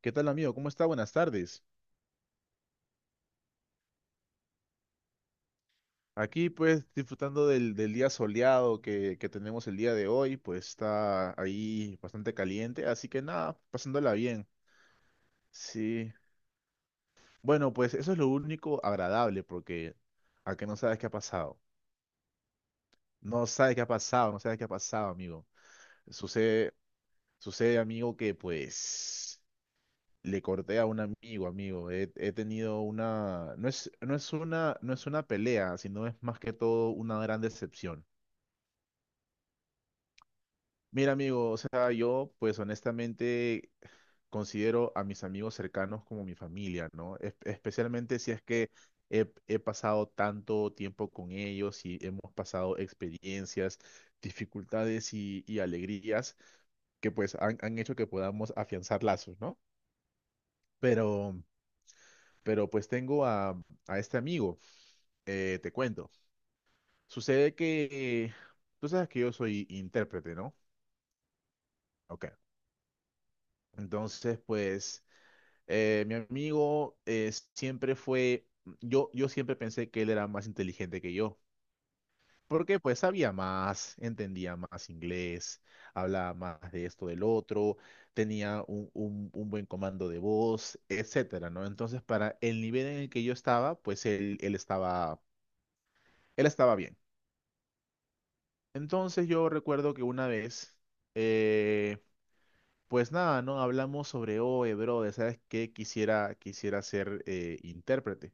¿Qué tal, amigo? ¿Cómo está? Buenas tardes. Aquí, pues, disfrutando del día soleado que tenemos el día de hoy, pues está ahí bastante caliente, así que nada, pasándola bien. Sí. Bueno, pues eso es lo único agradable, porque a que no sabes qué ha pasado. No sabes qué ha pasado, no sabes qué ha pasado, amigo. Sucede, sucede, amigo, que pues le corté a un amigo, amigo. He tenido una, no es una pelea, sino es más que todo una gran decepción. Mira, amigo, o sea, yo pues honestamente considero a mis amigos cercanos como mi familia, ¿no? Especialmente si es que he pasado tanto tiempo con ellos y hemos pasado experiencias, dificultades y alegrías que pues han hecho que podamos afianzar lazos, ¿no? Pero, pero pues tengo a este amigo, te cuento. Sucede que, tú sabes que yo soy intérprete, ¿no? Ok. Entonces, pues... mi amigo siempre fue, yo siempre pensé que él era más inteligente que yo, porque pues sabía más, entendía más inglés, hablaba más de esto, del otro, tenía un, un buen comando de voz, etcétera, ¿no? Entonces, para el nivel en el que yo estaba, pues él estaba bien. Entonces yo recuerdo que una vez, eh, pues nada, ¿no? Hablamos sobre, oye, brother, ¿sabes qué? Quisiera ser intérprete.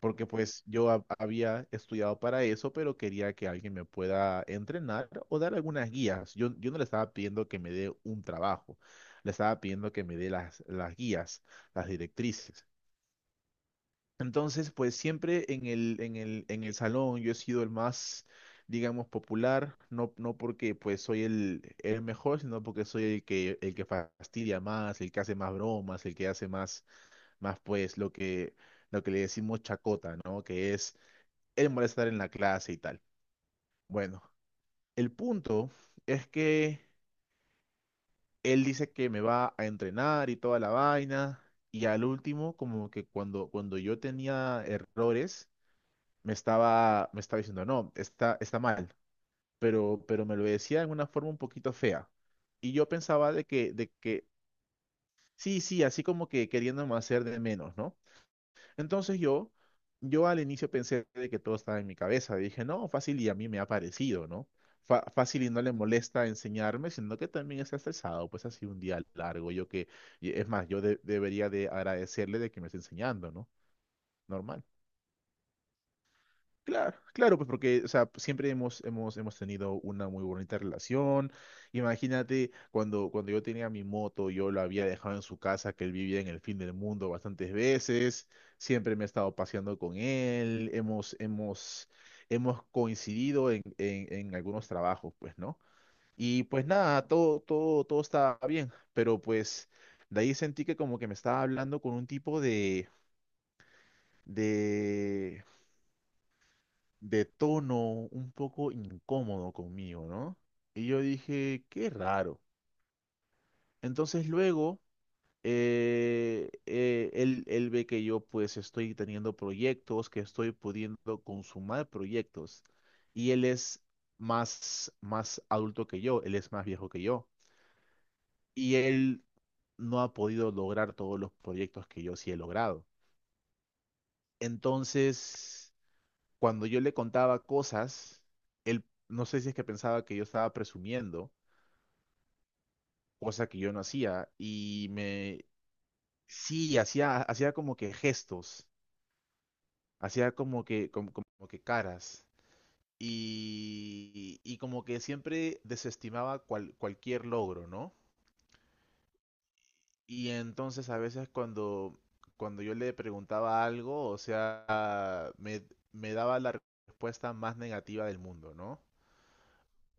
Porque pues yo había estudiado para eso, pero quería que alguien me pueda entrenar o dar algunas guías. Yo no le estaba pidiendo que me dé un trabajo, le estaba pidiendo que me dé las guías, las directrices. Entonces, pues siempre en el salón yo he sido el más, digamos, popular, no, no porque pues soy el mejor, sino porque soy el que fastidia más, el que hace más bromas, el que hace más, más pues lo que le decimos chacota, ¿no? Que es él molestar en la clase y tal. Bueno, el punto es que él dice que me va a entrenar y toda la vaina, y al último, como que cuando yo tenía errores, me estaba diciendo, no, está mal, pero me lo decía en una forma un poquito fea. Y yo pensaba sí, sí, así como que queriéndome hacer de menos, ¿no? Entonces yo al inicio pensé de que todo estaba en mi cabeza. Dije, no, fácil y a mí me ha parecido, ¿no? Fácil y no le molesta enseñarme, sino que también está estresado, pues ha sido un día largo. Yo que, y es más, yo debería de agradecerle de que me esté enseñando, ¿no? Normal. Claro, claro, pues porque, o sea, siempre hemos tenido una muy bonita relación. Imagínate cuando yo tenía mi moto, yo lo había dejado en su casa, que él vivía en el fin del mundo bastantes veces. Siempre me he estado paseando con él. Hemos coincidido en algunos trabajos, pues, ¿no? Y pues nada, todo estaba bien. Pero pues, de ahí sentí que como que me estaba hablando con un tipo de, de tono un poco incómodo conmigo, ¿no? Y yo dije, qué raro. Entonces luego, él ve que yo pues estoy teniendo proyectos, que estoy pudiendo consumar proyectos. Y él es más, más adulto que yo, él es más viejo que yo. Y él no ha podido lograr todos los proyectos que yo sí he logrado. Entonces... cuando yo le contaba cosas, él no sé si es que pensaba que yo estaba presumiendo, cosa que yo no hacía, y me sí, hacía como que gestos, hacía como que, como que caras. Y como que siempre desestimaba cualquier logro, ¿no? Y entonces a veces cuando yo le preguntaba algo, o sea, me daba la respuesta más negativa del mundo, ¿no?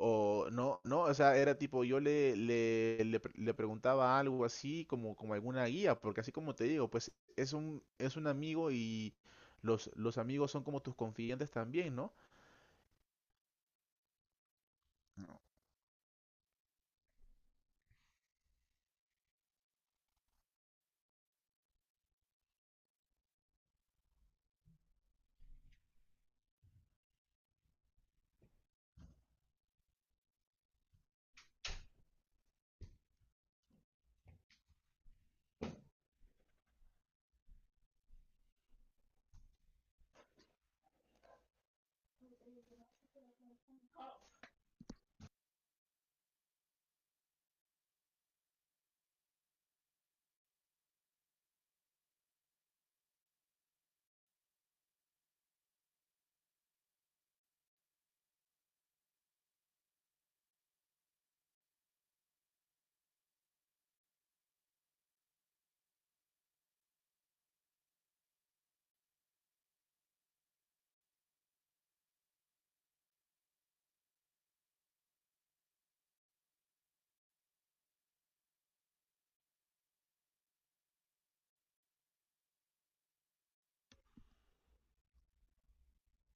O no, no, o sea, era tipo, yo le preguntaba algo así, como alguna guía, porque así como te digo, pues es un amigo y los amigos son como tus confidentes también, ¿no?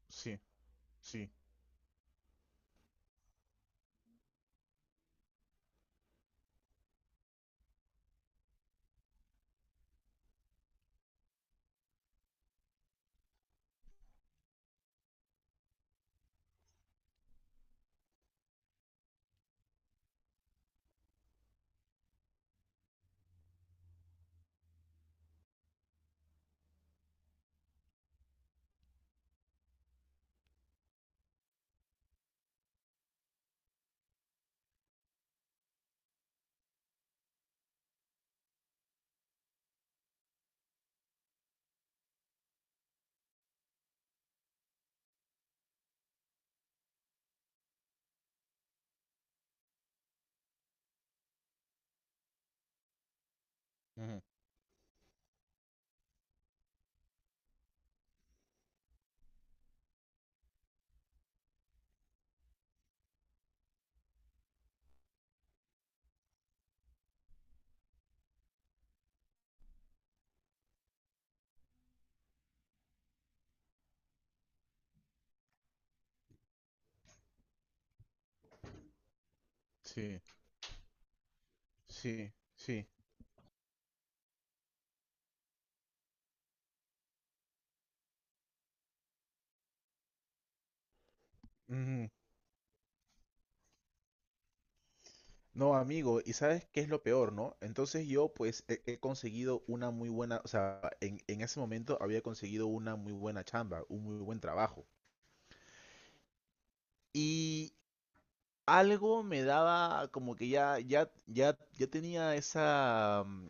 Sí, sí, ujú, sí, sí, sí. Ujú. No, amigo, y sabes qué es lo peor, ¿no? Entonces yo pues he conseguido una muy buena, o sea, en ese momento había conseguido una muy buena chamba, un muy buen trabajo. Y algo me daba como que ya tenía esa,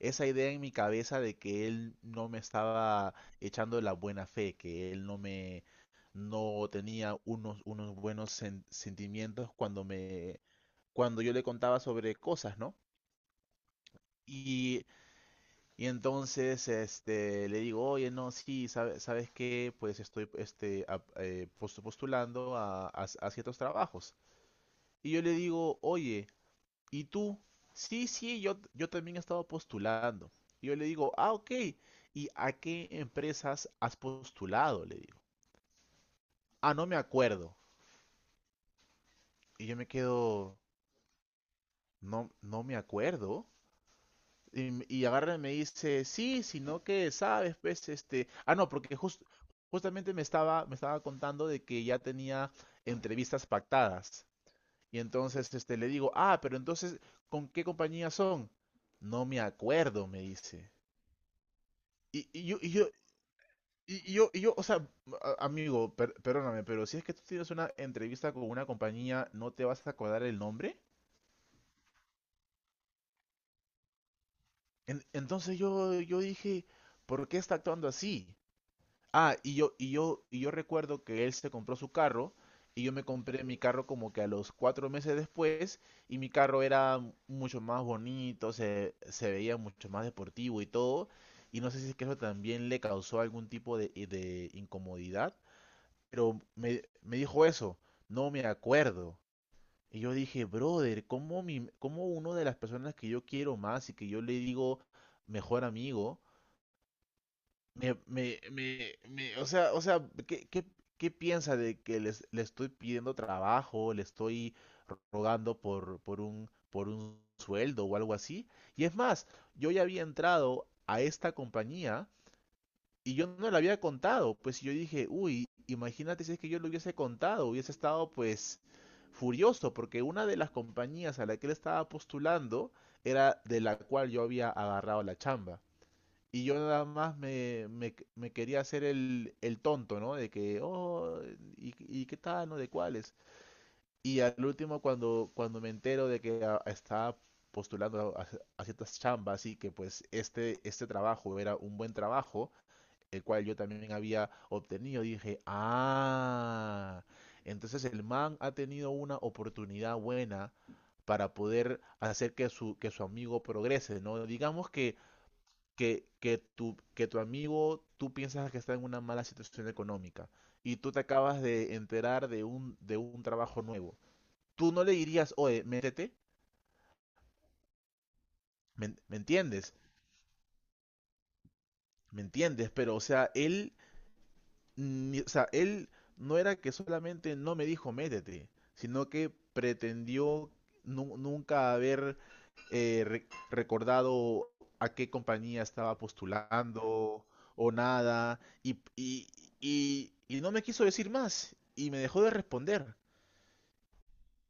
esa idea en mi cabeza de que él no me estaba echando la buena fe, que él no me, no tenía unos, unos buenos sentimientos cuando me, cuando yo le contaba sobre cosas, ¿no? Y, y entonces este, le digo, oye, no, sí, ¿sabes qué? Pues estoy este, postulando a, a ciertos trabajos. Y yo le digo, oye, ¿y tú? Sí, sí, yo también he estado postulando. Y yo le digo, ah, ok. ¿Y a qué empresas has postulado? Le digo. Ah, no me acuerdo. Y yo me quedo, no, no me acuerdo. Y, y agarra y me dice, sí, sino que, sabes, pues, este, ah, no, porque justamente me estaba contando de que ya tenía entrevistas pactadas. Y entonces, este, le digo, ah, pero entonces, ¿con qué compañía son? No me acuerdo, me dice. Y, y yo, y yo, y yo, o sea, amigo, perdóname, pero si es que tú tienes una entrevista con una compañía, ¿no te vas a acordar el nombre? Entonces yo dije, ¿por qué está actuando así? Ah, y yo recuerdo que él se compró su carro y yo me compré mi carro como que a los cuatro meses después y mi carro era mucho más bonito, se veía mucho más deportivo y todo. Y no sé si es que eso también le causó algún tipo de incomodidad. Pero me dijo eso, no me acuerdo. Y yo dije, brother, ¿cómo, mi, cómo una de las personas que yo quiero más y que yo le digo mejor amigo, o sea, ¿qué, qué, qué piensa de que le estoy pidiendo trabajo, le estoy rogando por un sueldo o algo así? Y es más, yo ya había entrado a esta compañía y yo no le había contado, pues y yo dije, uy, imagínate si es que yo lo hubiese contado, hubiese estado pues furioso, porque una de las compañías a la que él estaba postulando era de la cual yo había agarrado la chamba. Y yo nada más me quería hacer el tonto, ¿no? De que, oh, y qué tal, no? ¿De cuáles? Y al último, cuando me entero de que estaba postulando a ciertas chambas y que pues este trabajo era un buen trabajo, el cual yo también había obtenido. Dije, ah, entonces el man ha tenido una oportunidad buena para poder hacer que su amigo progrese, ¿no? Digamos que, tu, que tu amigo, tú piensas que está en una mala situación económica y tú te acabas de enterar de un trabajo nuevo. Tú no le dirías, oye, métete, ¿me entiendes? ¿Me entiendes? Pero, o sea, él o sea, él no era que solamente no me dijo métete, sino que pretendió nunca haber recordado a qué compañía estaba postulando o nada, y no me quiso decir más, y me dejó de responder.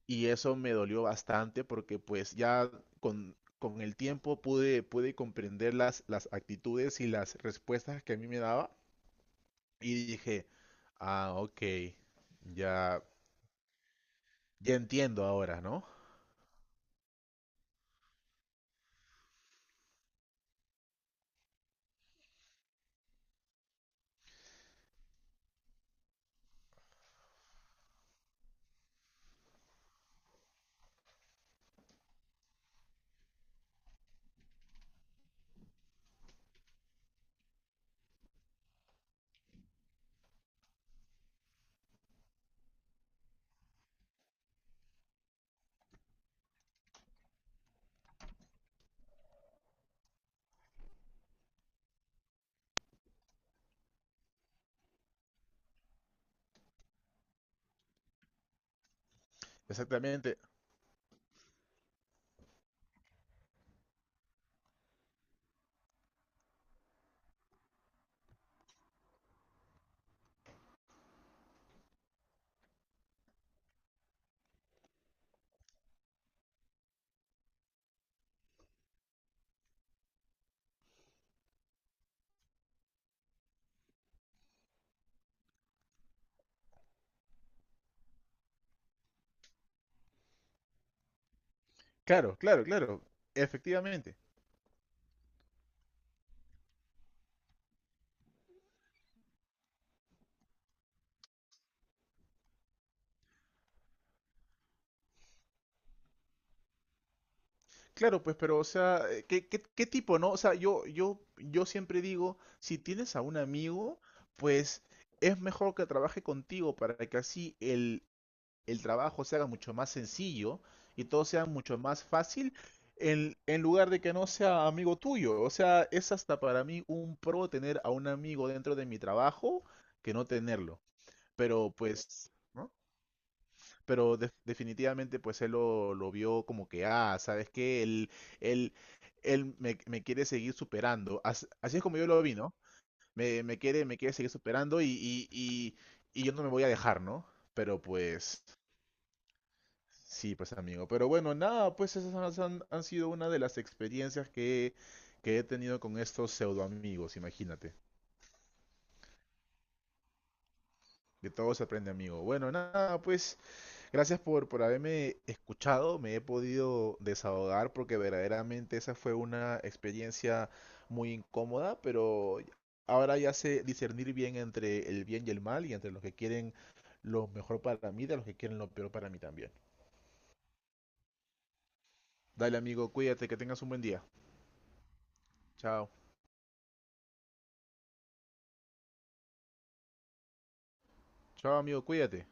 Y eso me dolió bastante porque pues ya con el tiempo pude comprender las actitudes y las respuestas que a mí me daba y dije, ah, ok, ya, ya entiendo ahora, ¿no? Exactamente. Claro, claro, claro, efectivamente. Claro, pues, pero, o sea, ¿qué, qué, qué tipo, no? O sea, yo siempre digo, si tienes a un amigo, pues es mejor que trabaje contigo para que así el trabajo se haga mucho más sencillo y todo sea mucho más fácil en lugar de que no sea amigo tuyo. O sea, es hasta para mí un pro tener a un amigo dentro de mi trabajo que no tenerlo. Pero pues, ¿no? Pero definitivamente pues él lo vio como que, ah, ¿sabes qué? Él, Él me, me quiere seguir superando. Así, es como yo lo vi, ¿no? Me quiere seguir superando y, y yo no me voy a dejar, ¿no? Pero pues... Sí, pues amigo. Pero bueno, nada, pues esas han sido una de las experiencias que he tenido con estos pseudo amigos, imagínate. De todo se aprende, amigo. Bueno, nada, pues gracias por haberme escuchado, me he podido desahogar porque verdaderamente esa fue una experiencia muy incómoda, pero ahora ya sé discernir bien entre el bien y el mal y entre los que quieren lo mejor para mí de los que quieren lo peor para mí también. Dale, amigo, cuídate, que tengas un buen día. Chao. Chao, amigo, cuídate.